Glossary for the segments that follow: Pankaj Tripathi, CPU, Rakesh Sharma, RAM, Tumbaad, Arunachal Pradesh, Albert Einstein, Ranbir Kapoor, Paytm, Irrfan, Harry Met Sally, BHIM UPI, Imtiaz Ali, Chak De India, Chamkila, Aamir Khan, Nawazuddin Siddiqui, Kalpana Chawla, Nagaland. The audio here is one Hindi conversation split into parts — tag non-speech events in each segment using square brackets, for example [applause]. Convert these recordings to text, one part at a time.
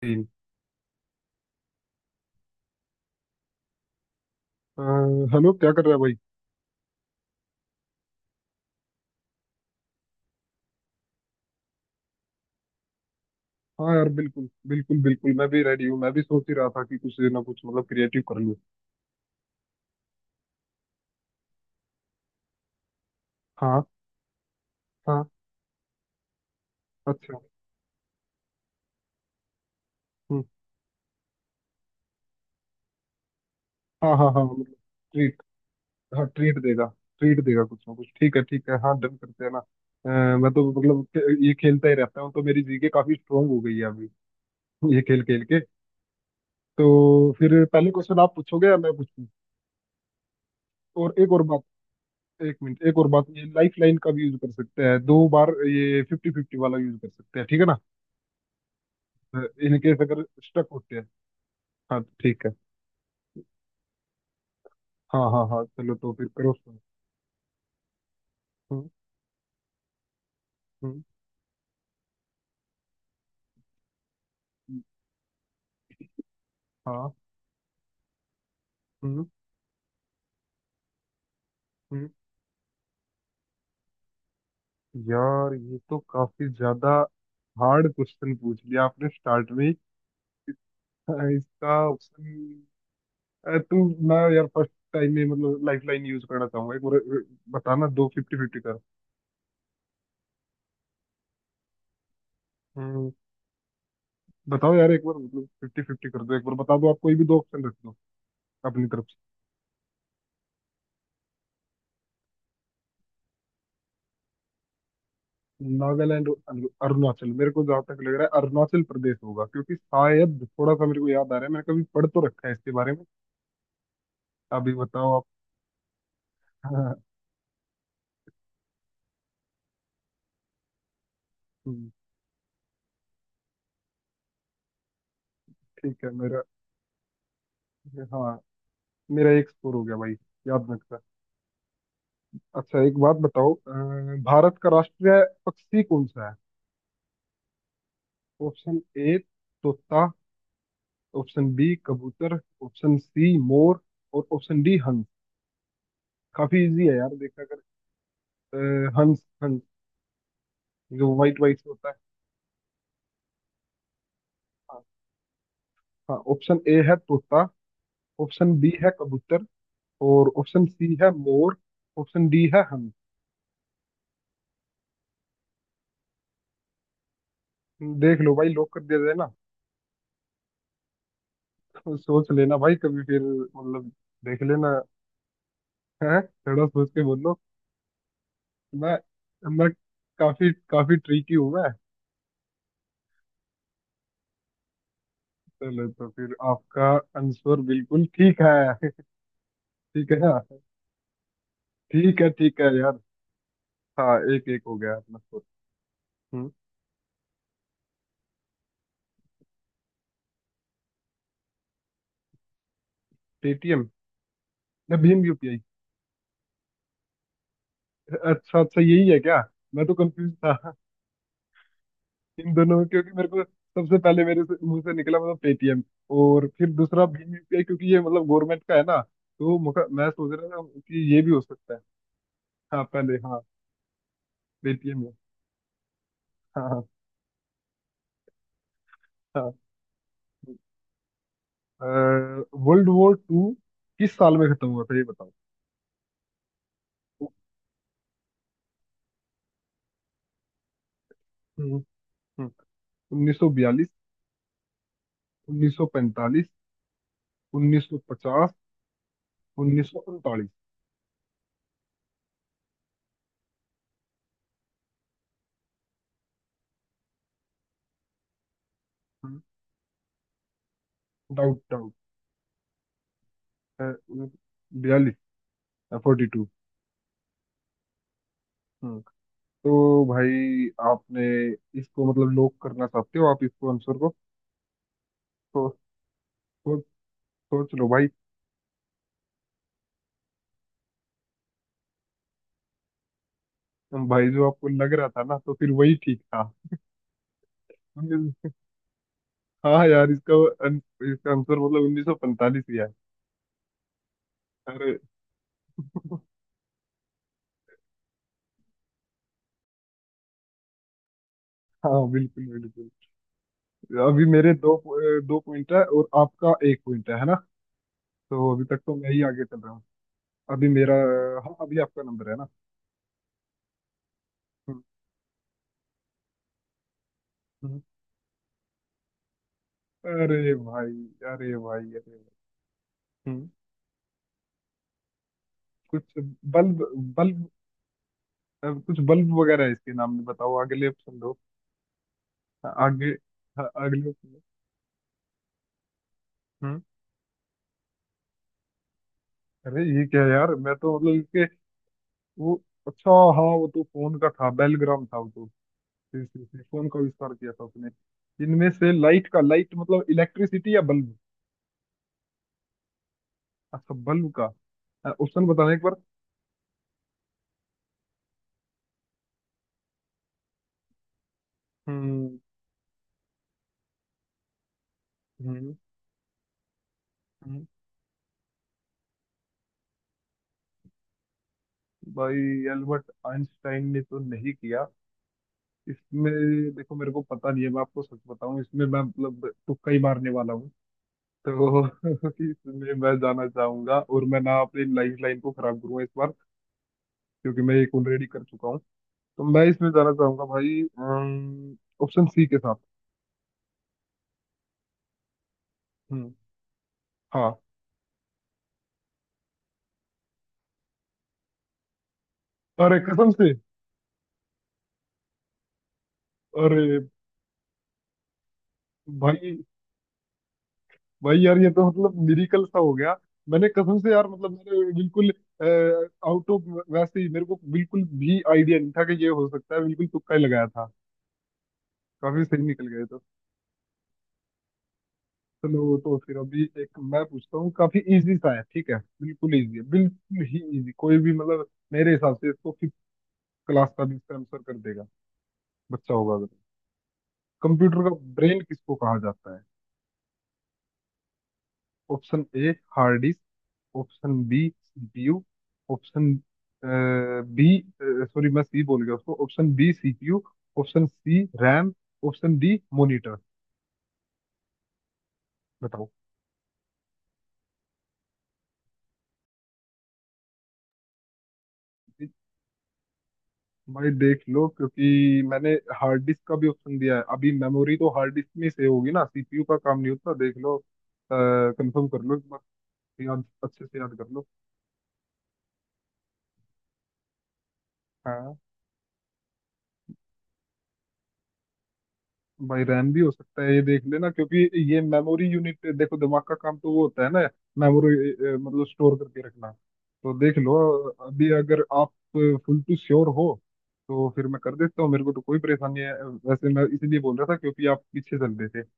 तीन। अ, हेलो, क्या कर रहा है भाई। हाँ यार, बिल्कुल बिल्कुल बिल्कुल, मैं भी रेडी हूँ। मैं भी सोच ही रहा था कि कुछ ना कुछ मतलब क्रिएटिव कर लूँ। हाँ हाँ। अच्छा। हम्म। हाँ हाँ हाँ, मतलब ट्रीट। हाँ, ट्रीट देगा। ट्रीट देगा कुछ ना कुछ। ठीक है ठीक है। हाँ, डन करते हैं ना। मैं तो मतलब ये खेलता ही रहता हूँ, तो मेरी GK काफी स्ट्रांग हो गई है अभी, ये खेल खेल के। तो फिर पहले क्वेश्चन आप पूछोगे या मैं पूछूं? और एक और बात, एक मिनट। एक और बात, ये लाइफ लाइन का भी यूज कर सकते हैं दो बार। ये फिफ्टी फिफ्टी वाला यूज कर सकते हैं, ठीक है ना? इनकेस अगर स्टक होते हैं। हाँ, तो ठीक है। हाँ हाँ हाँ, चलो तो फिर करो start। हम्म। हम्म। हाँ। हम्म। हम्म। यार, ये तो काफी ज्यादा हार्ड क्वेश्चन पूछ लिया आपने स्टार्ट में ही। इसका ऑप्शन, तू। मैं यार फर्स्ट टाइम में मतलब लाइफ लाइन यूज करना चाहूंगा एक बार। अ, बताना, दो फिफ्टी फिफ्टी कर। हम्म। बताओ यार एक बार, मतलब फिफ्टी फिफ्टी कर दो एक बार, बता दो आप कोई भी दो ऑप्शन रख दो अपनी तरफ। नागालैंड और अरुणाचल, मेरे को जहाँ तक लग रहा है अरुणाचल प्रदेश होगा, क्योंकि शायद थोड़ा सा मेरे को याद आ रहा है, मैंने कभी पढ़ तो रखा है इसके बारे में। अभी बताओ आप। [laughs] हाँ। हम्म। ठीक है मेरा। हाँ, मेरा एक स्कोर हो गया भाई, याद में रखा। अच्छा एक बात बताओ, भारत का राष्ट्रीय पक्षी कौन सा है? ऑप्शन ए तोता। ऑप्शन बी कबूतर। ऑप्शन सी मोर। और ऑप्शन डी हंस। काफी इजी है यार, देखा कर। हंस। हंस जो व्हाइट व्हाइट होता है। हाँ, ऑप्शन ए है तोता। ऑप्शन बी है कबूतर। और ऑप्शन सी है मोर। ऑप्शन डी है हंस। देख लो भाई, लॉक कर दिया जाए ना? [laughs] तो सोच लेना भाई, कभी फिर, मतलब देख लेना, है थोड़ा, सोच के बोलो। मैं मैं काफी काफी ट्रिकी हूँ मैं। चलो तो फिर आपका आंसर बिल्कुल ठीक है। [laughs] ठीक है ना। ठीक है यार। हाँ, एक एक हो गया अपना स्कोर। हम्म। पेटीएम। या भीम UPI। अच्छा अच्छा, यही है क्या? मैं तो कंफ्यूज था इन दोनों, क्योंकि मेरे को सबसे पहले मुंह से निकला, मतलब पेटीएम। और फिर दूसरा भीम UPI, क्योंकि ये मतलब गवर्नमेंट का है ना। तो मैं सोच रहा था कि ये भी हो सकता है। हाँ पहले, हाँ। पेटीएम है। हाँ हाँ हाँ। वर्ल्ड वॉर टू किस साल में खत्म हुआ था, ये बताओ। हम्म। हम्म। हम्म। 1942। 1945। 1950। 1939। Doubt doubt. 42। 42। तो भाई आपने इसको मतलब लॉक करना चाहते हो आप इसको, आंसर को? तो सोच, सोच लो भाई। भाई, जो आपको लग रहा था ना, तो फिर वही ठीक था। हाँ यार, इसका अन- इसका आंसर मतलब 1945 ही है। अरे। हाँ बिल्कुल बिल्कुल। अभी मेरे दो, दो पॉइंट है और आपका एक पॉइंट है ना? तो अभी तक तो मैं ही आगे चल रहा हूँ। अभी मेरा। हाँ, अभी आपका नंबर है ना। हम्म। हम्म। अरे भाई! अरे भाई! अरे भाई! हम्म। कुछ बल्ब, बल्ब, अब कुछ बल्ब वगैरह है इसके नाम में, बताओ अगले ऑप्शन दो। हाँ, आगे। हाँ, अगले ऑप्शन दो। हम्म। अरे ये क्या है यार, मैं तो मतलब इसके, वो, अच्छा। हाँ वो तो फोन का था, बेलग्राम था वो तो, फिर फोन का आविष्कार किया था उसने। इनमें से लाइट का? लाइट मतलब इलेक्ट्रिसिटी या बल्ब? अच्छा बल्ब का। ऑप्शन बताना एक बार। हम्म। हम्म। हम्म। भाई, एल्बर्ट आइंस्टाइन ने तो नहीं किया इसमें। देखो, मेरे को पता नहीं है, मैं आपको सच बताऊं, इसमें मैं मतलब तुक्का ही मारने वाला हूँ तो [laughs] इसमें मैं जाना चाहूंगा, और मैं ना अपनी लाइफ लाइन को खराब करूंगा इस बार, क्योंकि मैं एक ऑलरेडी कर चुका हूँ, तो मैं इसमें जाना चाहूंगा भाई, ऑप्शन सी के साथ। हम्म। हाँ। अरे कसम से! अरे भाई! भाई यार, ये तो मतलब मिरिकल सा हो गया। मैंने कसम से यार, मतलब मैंने बिल्कुल आउट ऑफ, वैसे ही मेरे को बिल्कुल भी आइडिया नहीं था कि ये हो सकता है, बिल्कुल तुक्का ही लगाया था। काफी सही निकल गए। चलो तो फिर अभी एक मैं पूछता हूँ, काफी इजी सा है, ठीक है। बिल्कुल इजी है, बिल्कुल ही इजी कोई भी, मतलब मेरे हिसाब से इसको फिफ्थ क्लास का भी इसका आंसर कर देगा बच्चा, होगा अगर। कंप्यूटर का ब्रेन किसको कहा जाता है? Option A hard disk. Option B CPU। Option B, sorry मैं सी बोल गया उसको, option B CPU। Option C RAM. Option D monitor. बताओ। भाई देख लो, क्योंकि मैंने हार्ड डिस्क का भी ऑप्शन दिया है। अभी मेमोरी तो हार्ड डिस्क में सेव होगी ना, CPU का काम नहीं होता। देख लो, कंफर्म कर लो एक बार, याद अच्छे से याद कर लो। हाँ भाई, रैम भी हो सकता है ये, देख लेना, क्योंकि ये मेमोरी यूनिट, देखो दिमाग का काम तो वो होता है ना, मेमोरी मतलब स्टोर करके रखना। तो देख लो, अभी अगर आप फुल टू श्योर हो, तो फिर मैं कर देता हूँ, मेरे को तो कोई परेशानी है, वैसे मैं इसलिए बोल रहा था क्योंकि आप पीछे चल रहे थे।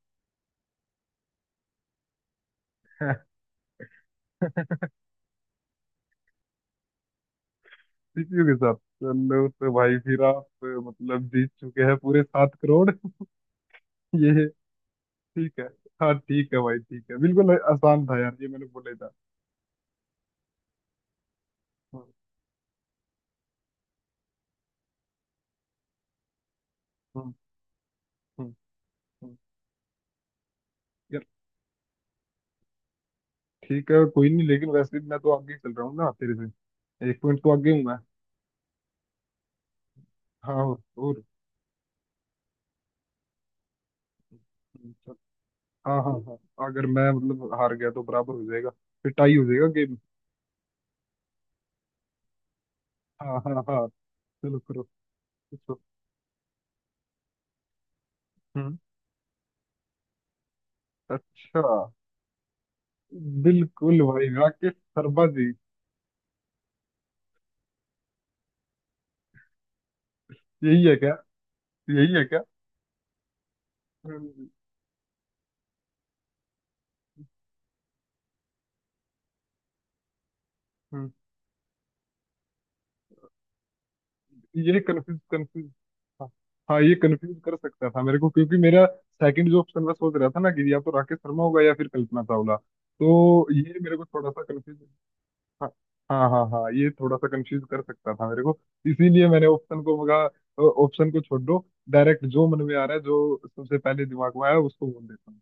CPU के साथ? चलो तो भाई, फिर आप मतलब जीत चुके हैं पूरे 7 करोड़। [laughs] ये ठीक है। हाँ ठीक है भाई, ठीक है, बिल्कुल आसान था यार ये, मैंने बोला ही था। हम्म। हम्म। हम्म। हम्म। यार ठीक है कोई नहीं, लेकिन वैसे भी मैं तो आगे चल रहा हूँ ना, तेरे से एक पॉइंट तो आगे हूँ मैं। हाँ, और। चल। हाँ हाँ हाँ, अगर मैं मतलब हार गया तो बराबर हो जाएगा, फिर टाई हो जाएगा गेम। हाँ हाँ हाँ, चलो करो पूछो। हम्म। अच्छा। बिल्कुल भाई, राकेश शर्मा जी। यही है क्या? यही है क्या? हम्म। हम्म। ये कंफ्यूज कंफ्यूज। हाँ। हाँ, ये कंफ्यूज कर सकता था मेरे को, क्योंकि मेरा सेकंड जो ऑप्शन मैं सोच रहा था ना, कि या तो राकेश शर्मा होगा या फिर कल्पना चावला, तो ये मेरे को थोड़ा सा कंफ्यूज। हाँ हाँ हाँ। हाँ, ये थोड़ा सा कंफ्यूज कर सकता था मेरे को, इसीलिए मैंने ऑप्शन को मगा, ऑप्शन को छोड़ दो, डायरेक्ट जो मन में आ रहा है, जो सबसे पहले दिमाग में आया उसको बोल देता हूँ,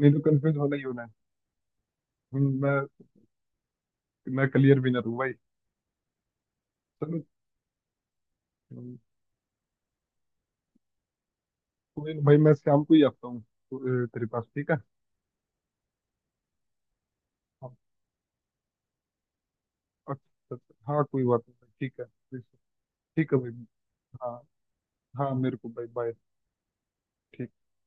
नहीं तो कंफ्यूज होना ही होना है। हम्म, मैं मैं क्लियर विनर हूँ भाई। चलो। हम्म, कोई नहीं भाई, मैं शाम को ही आता हूँ तो, तेरे पास, ठीक है। हाँ, अच्छा अच्छा, हाँ कोई बात नहीं, ठीक है। ठीक है भाई। हाँ। हाँ, मेरे को बाय बाय। ठीक